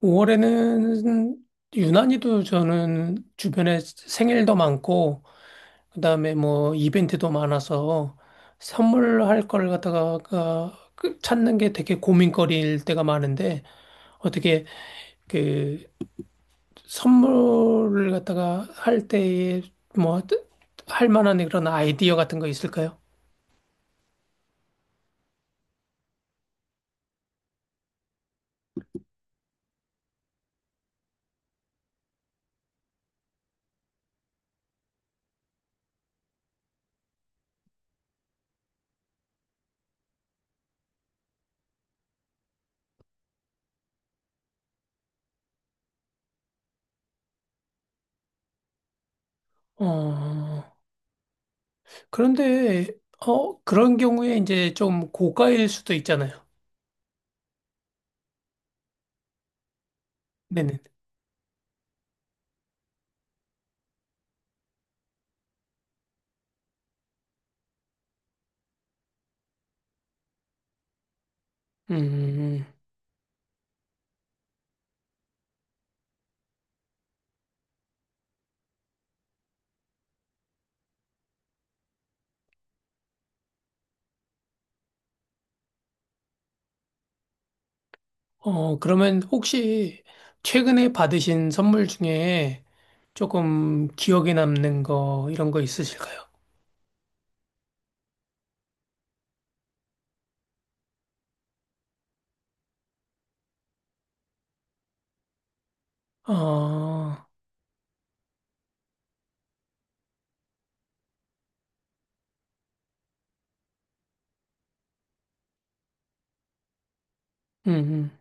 5월에는 유난히도 저는 주변에 생일도 많고, 그다음에 뭐 이벤트도 많아서 선물할 걸 갖다가 그 찾는 게 되게 고민거리일 때가 많은데, 어떻게 그 선물을 갖다가 할 때에 뭐 할 만한 그런 아이디어 같은 거 있을까요? 어, 그런데, 그런 경우에 이제 좀 고가일 수도 있잖아요. 네네. 음. 그러면 혹시 최근에 받으신 선물 중에 조금 기억에 남는 거, 이런 거 있으실까요? 어, 음, 음.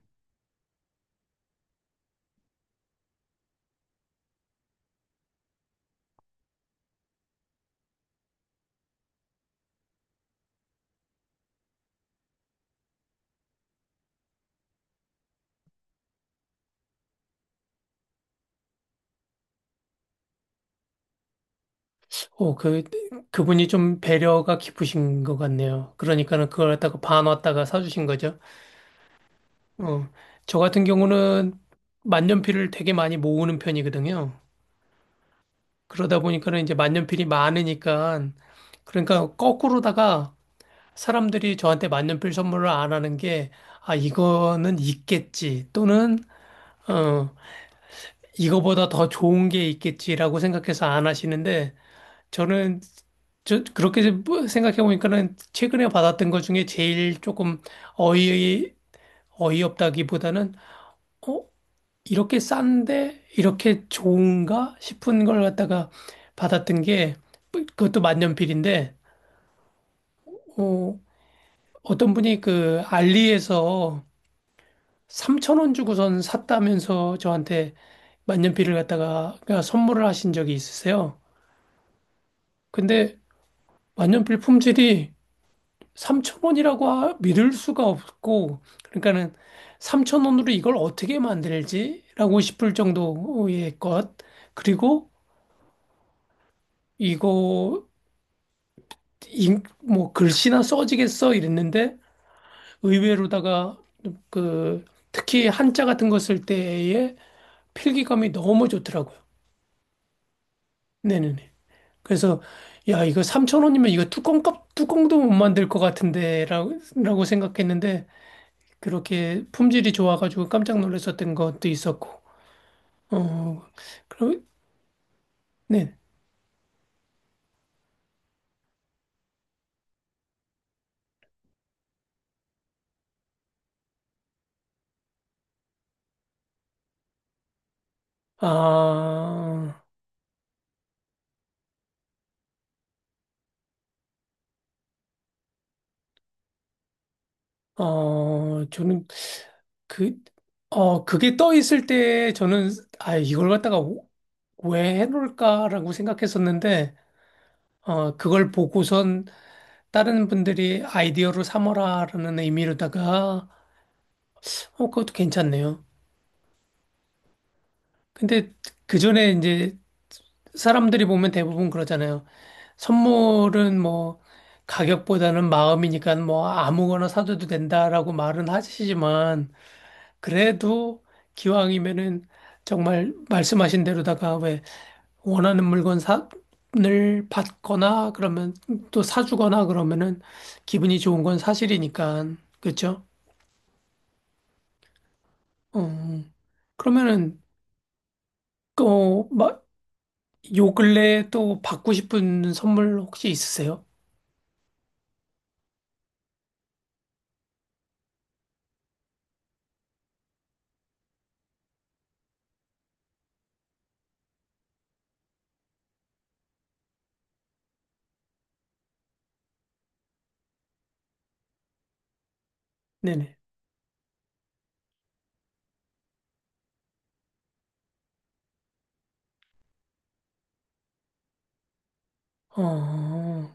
오, 그분이 좀 배려가 깊으신 것 같네요. 그러니까는 그걸 갖다가 반 왔다가 사주신 거죠. 어, 저 같은 경우는 만년필을 되게 많이 모으는 편이거든요. 그러다 보니까는 이제 만년필이 많으니까, 그러니까 거꾸로다가 사람들이 저한테 만년필 선물을 안 하는 게, 아, 이거는 있겠지. 또는, 어, 이거보다 더 좋은 게 있겠지라고 생각해서 안 하시는데, 저는, 그렇게 뭐 생각해 보니까는 최근에 받았던 것 중에 제일 조금 어이, 어이없다기보다는, 어, 이렇게 싼데, 이렇게 좋은가 싶은 걸 갖다가 받았던 게, 그것도 만년필인데, 어, 어떤 분이 그 알리에서 3천 원 주고선 샀다면서 저한테 만년필을 갖다가 그러니까 선물을 하신 적이 있으세요. 근데 만년필 품질이 3천 원이라고 믿을 수가 없고, 그러니까는 삼천 원으로 이걸 어떻게 만들지라고 싶을 정도의 것. 그리고 이거 뭐 글씨나 써지겠어 이랬는데, 의외로다가 그 특히 한자 같은 거 쓸 때의 필기감이 너무 좋더라고요. 네네네. 그래서 야, 이거 3천 원이면 이거 뚜껑값 뚜껑도 못 만들 것 같은데 라고 생각했는데 그렇게 품질이 좋아가지고 깜짝 놀랐었던 것도 있었고. 어, 그럼 네. 아, 저는 그, 그게 떠 있을 때 저는 아, 이걸 갖다가 왜 해놓을까라고 생각했었는데, 그걸 보고선 다른 분들이 아이디어로 삼어라라는 의미로다가, 그것도 괜찮네요. 근데 그 전에 이제 사람들이 보면 대부분 그러잖아요. 선물은 뭐 가격보다는 마음이니까 뭐 아무거나 사줘도 된다라고 말은 하시지만 그래도 기왕이면은 정말 말씀하신 대로다가 왜 원하는 물건 사, 을 받거나 그러면 또 사주거나 그러면은 기분이 좋은 건 사실이니까. 그렇죠? 어, 그러면은 요 근래 또 받고 싶은 선물 혹시 있으세요? 네네. 어,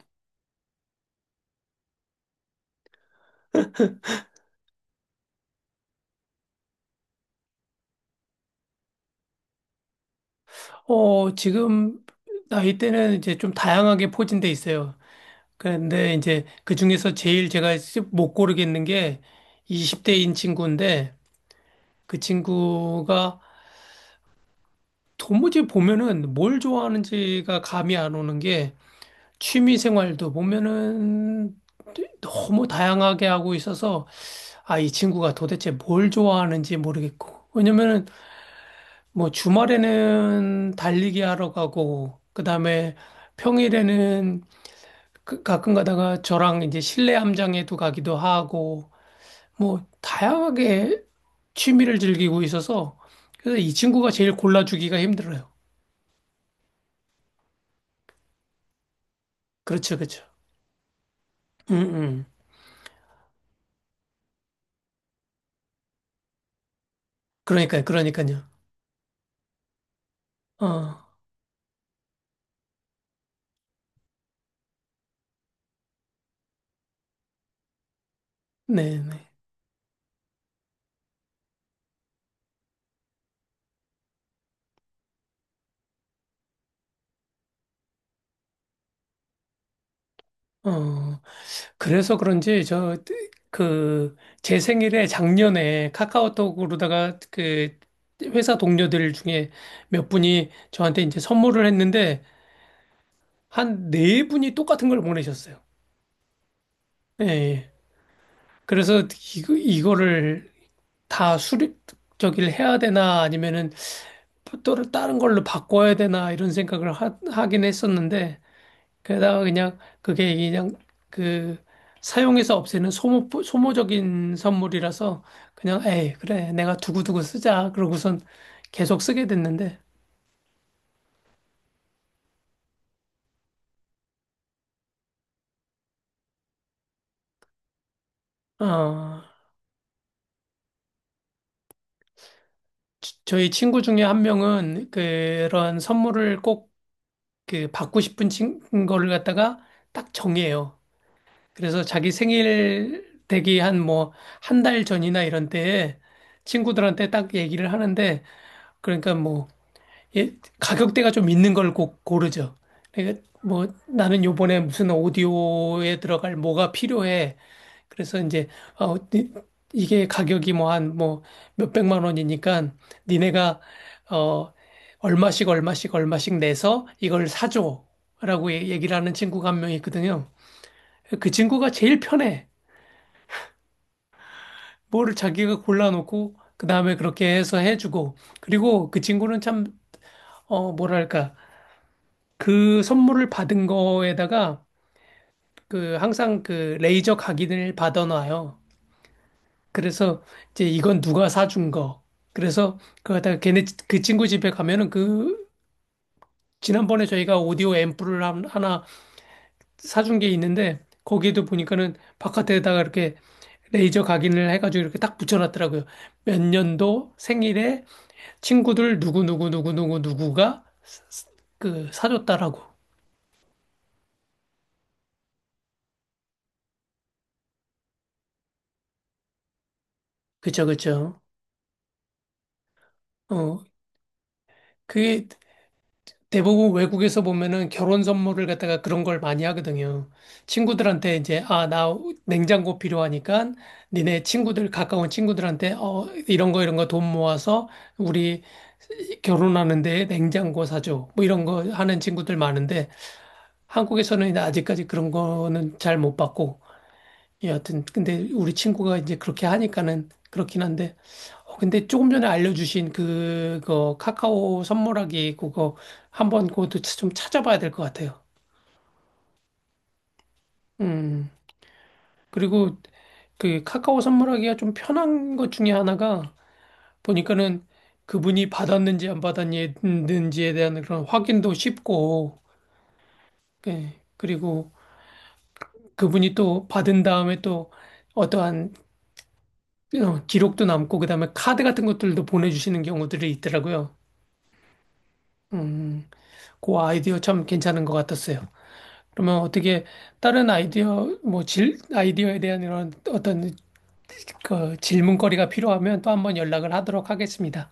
지금 나이대는 이제 좀 다양하게 포진돼 있어요. 그런데 이제 그 중에서 제일 제가 못 고르겠는 게 20대인 친구인데 그 친구가 도무지 보면은 뭘 좋아하는지가 감이 안 오는 게 취미 생활도 보면은 너무 다양하게 하고 있어서 아, 이 친구가 도대체 뭘 좋아하는지 모르겠고. 왜냐면은 뭐 주말에는 달리기 하러 가고 그다음에 평일에는 가끔 가다가 저랑 이제 실내 함장에도 가기도 하고 뭐 다양하게 취미를 즐기고 있어서 그래서 이 친구가 제일 골라주기가 힘들어요. 그렇죠, 그렇죠. 음, 음. 그러니까요, 그러니까요. 어, 네, 네. 어. 그래서 그런지 그 제 생일에 작년에 카카오톡으로다가 그 회사 동료들 중에 몇 분이 저한테 이제 선물을 했는데 한 네 분이 똑같은 걸 보내셨어요. 예. 예. 그래서 이거를 다 수립 저기를 해야 되나 아니면은 또 다른 걸로 바꿔야 되나 이런 생각을 하긴 했었는데, 게다가 그냥 그게 그냥 그 사용해서 없애는 소모적인 선물이라서 그냥 에이, 그래, 내가 두고두고 쓰자. 그러고선 계속 쓰게 됐는데, 어, 저희 친구 중에 한 명은 그런 선물을 꼭 그 받고 싶은 친 거를 갖다가 딱 정해요. 그래서 자기 생일 되기 한 뭐 한 달 전이나 이런 때에 친구들한테 딱 얘기를 하는데, 그러니까 뭐 예, 가격대가 좀 있는 걸 꼭 고르죠. 그러니까 뭐 나는 요번에 무슨 오디오에 들어갈 뭐가 필요해. 그래서 이제 어, 니- 이게 가격이 뭐 한 뭐 몇백만 원이니까 니네가 어 얼마씩 얼마씩 얼마씩 내서 이걸 사줘라고 얘기를 하는 친구가 한 명 있거든요. 그 친구가 제일 편해. 뭐를 자기가 골라놓고 그 다음에 그렇게 해서 해주고, 그리고 그 친구는 참 어 뭐랄까 그 선물을 받은 거에다가 그 항상 그 레이저 각인을 받아놔요. 그래서 이제 이건 누가 사준 거. 그래서 그 친구 집에 가면은 그 지난번에 저희가 오디오 앰프를 하나 사준 게 있는데 거기에도 보니까는 바깥에다가 이렇게 레이저 각인을 해가지고 이렇게 딱 붙여놨더라고요. 몇 년도 생일에 친구들 누구 누구 누구 누구 누구가 그 사줬다라고. 그쵸, 그쵸. 어 그게 대부분 외국에서 보면은 결혼 선물을 갖다가 그런 걸 많이 하거든요. 친구들한테 이제, 아, 나 냉장고 필요하니까 니네 친구들, 가까운 친구들한테, 이런 거, 이런 거 돈 모아서 우리 결혼하는데 냉장고 사줘. 뭐 이런 거 하는 친구들 많은데 한국에서는 이제 아직까지 그런 거는 잘 못 봤고 여하튼 근데 우리 친구가 이제 그렇게 하니까는 그렇긴 한데, 근데 조금 전에 알려주신 그거 카카오 선물하기 그거 한번 그것도 좀 찾아봐야 될 것 같아요. 음 그리고 그 카카오 선물하기가 좀 편한 것 중에 하나가 보니까는 그분이 받았는지 안 받았는지에 대한 그런 확인도 쉽고, 예, 그리고 그분이 또 받은 다음에 또 어떠한 기록도 남고 그다음에 카드 같은 것들도 보내주시는 경우들이 있더라고요. 음, 그 아이디어 참 괜찮은 것 같았어요. 그러면 어떻게 다른 아이디어 아이디어에 대한 이런 어떤 그 질문거리가 필요하면 또 한번 연락을 하도록 하겠습니다.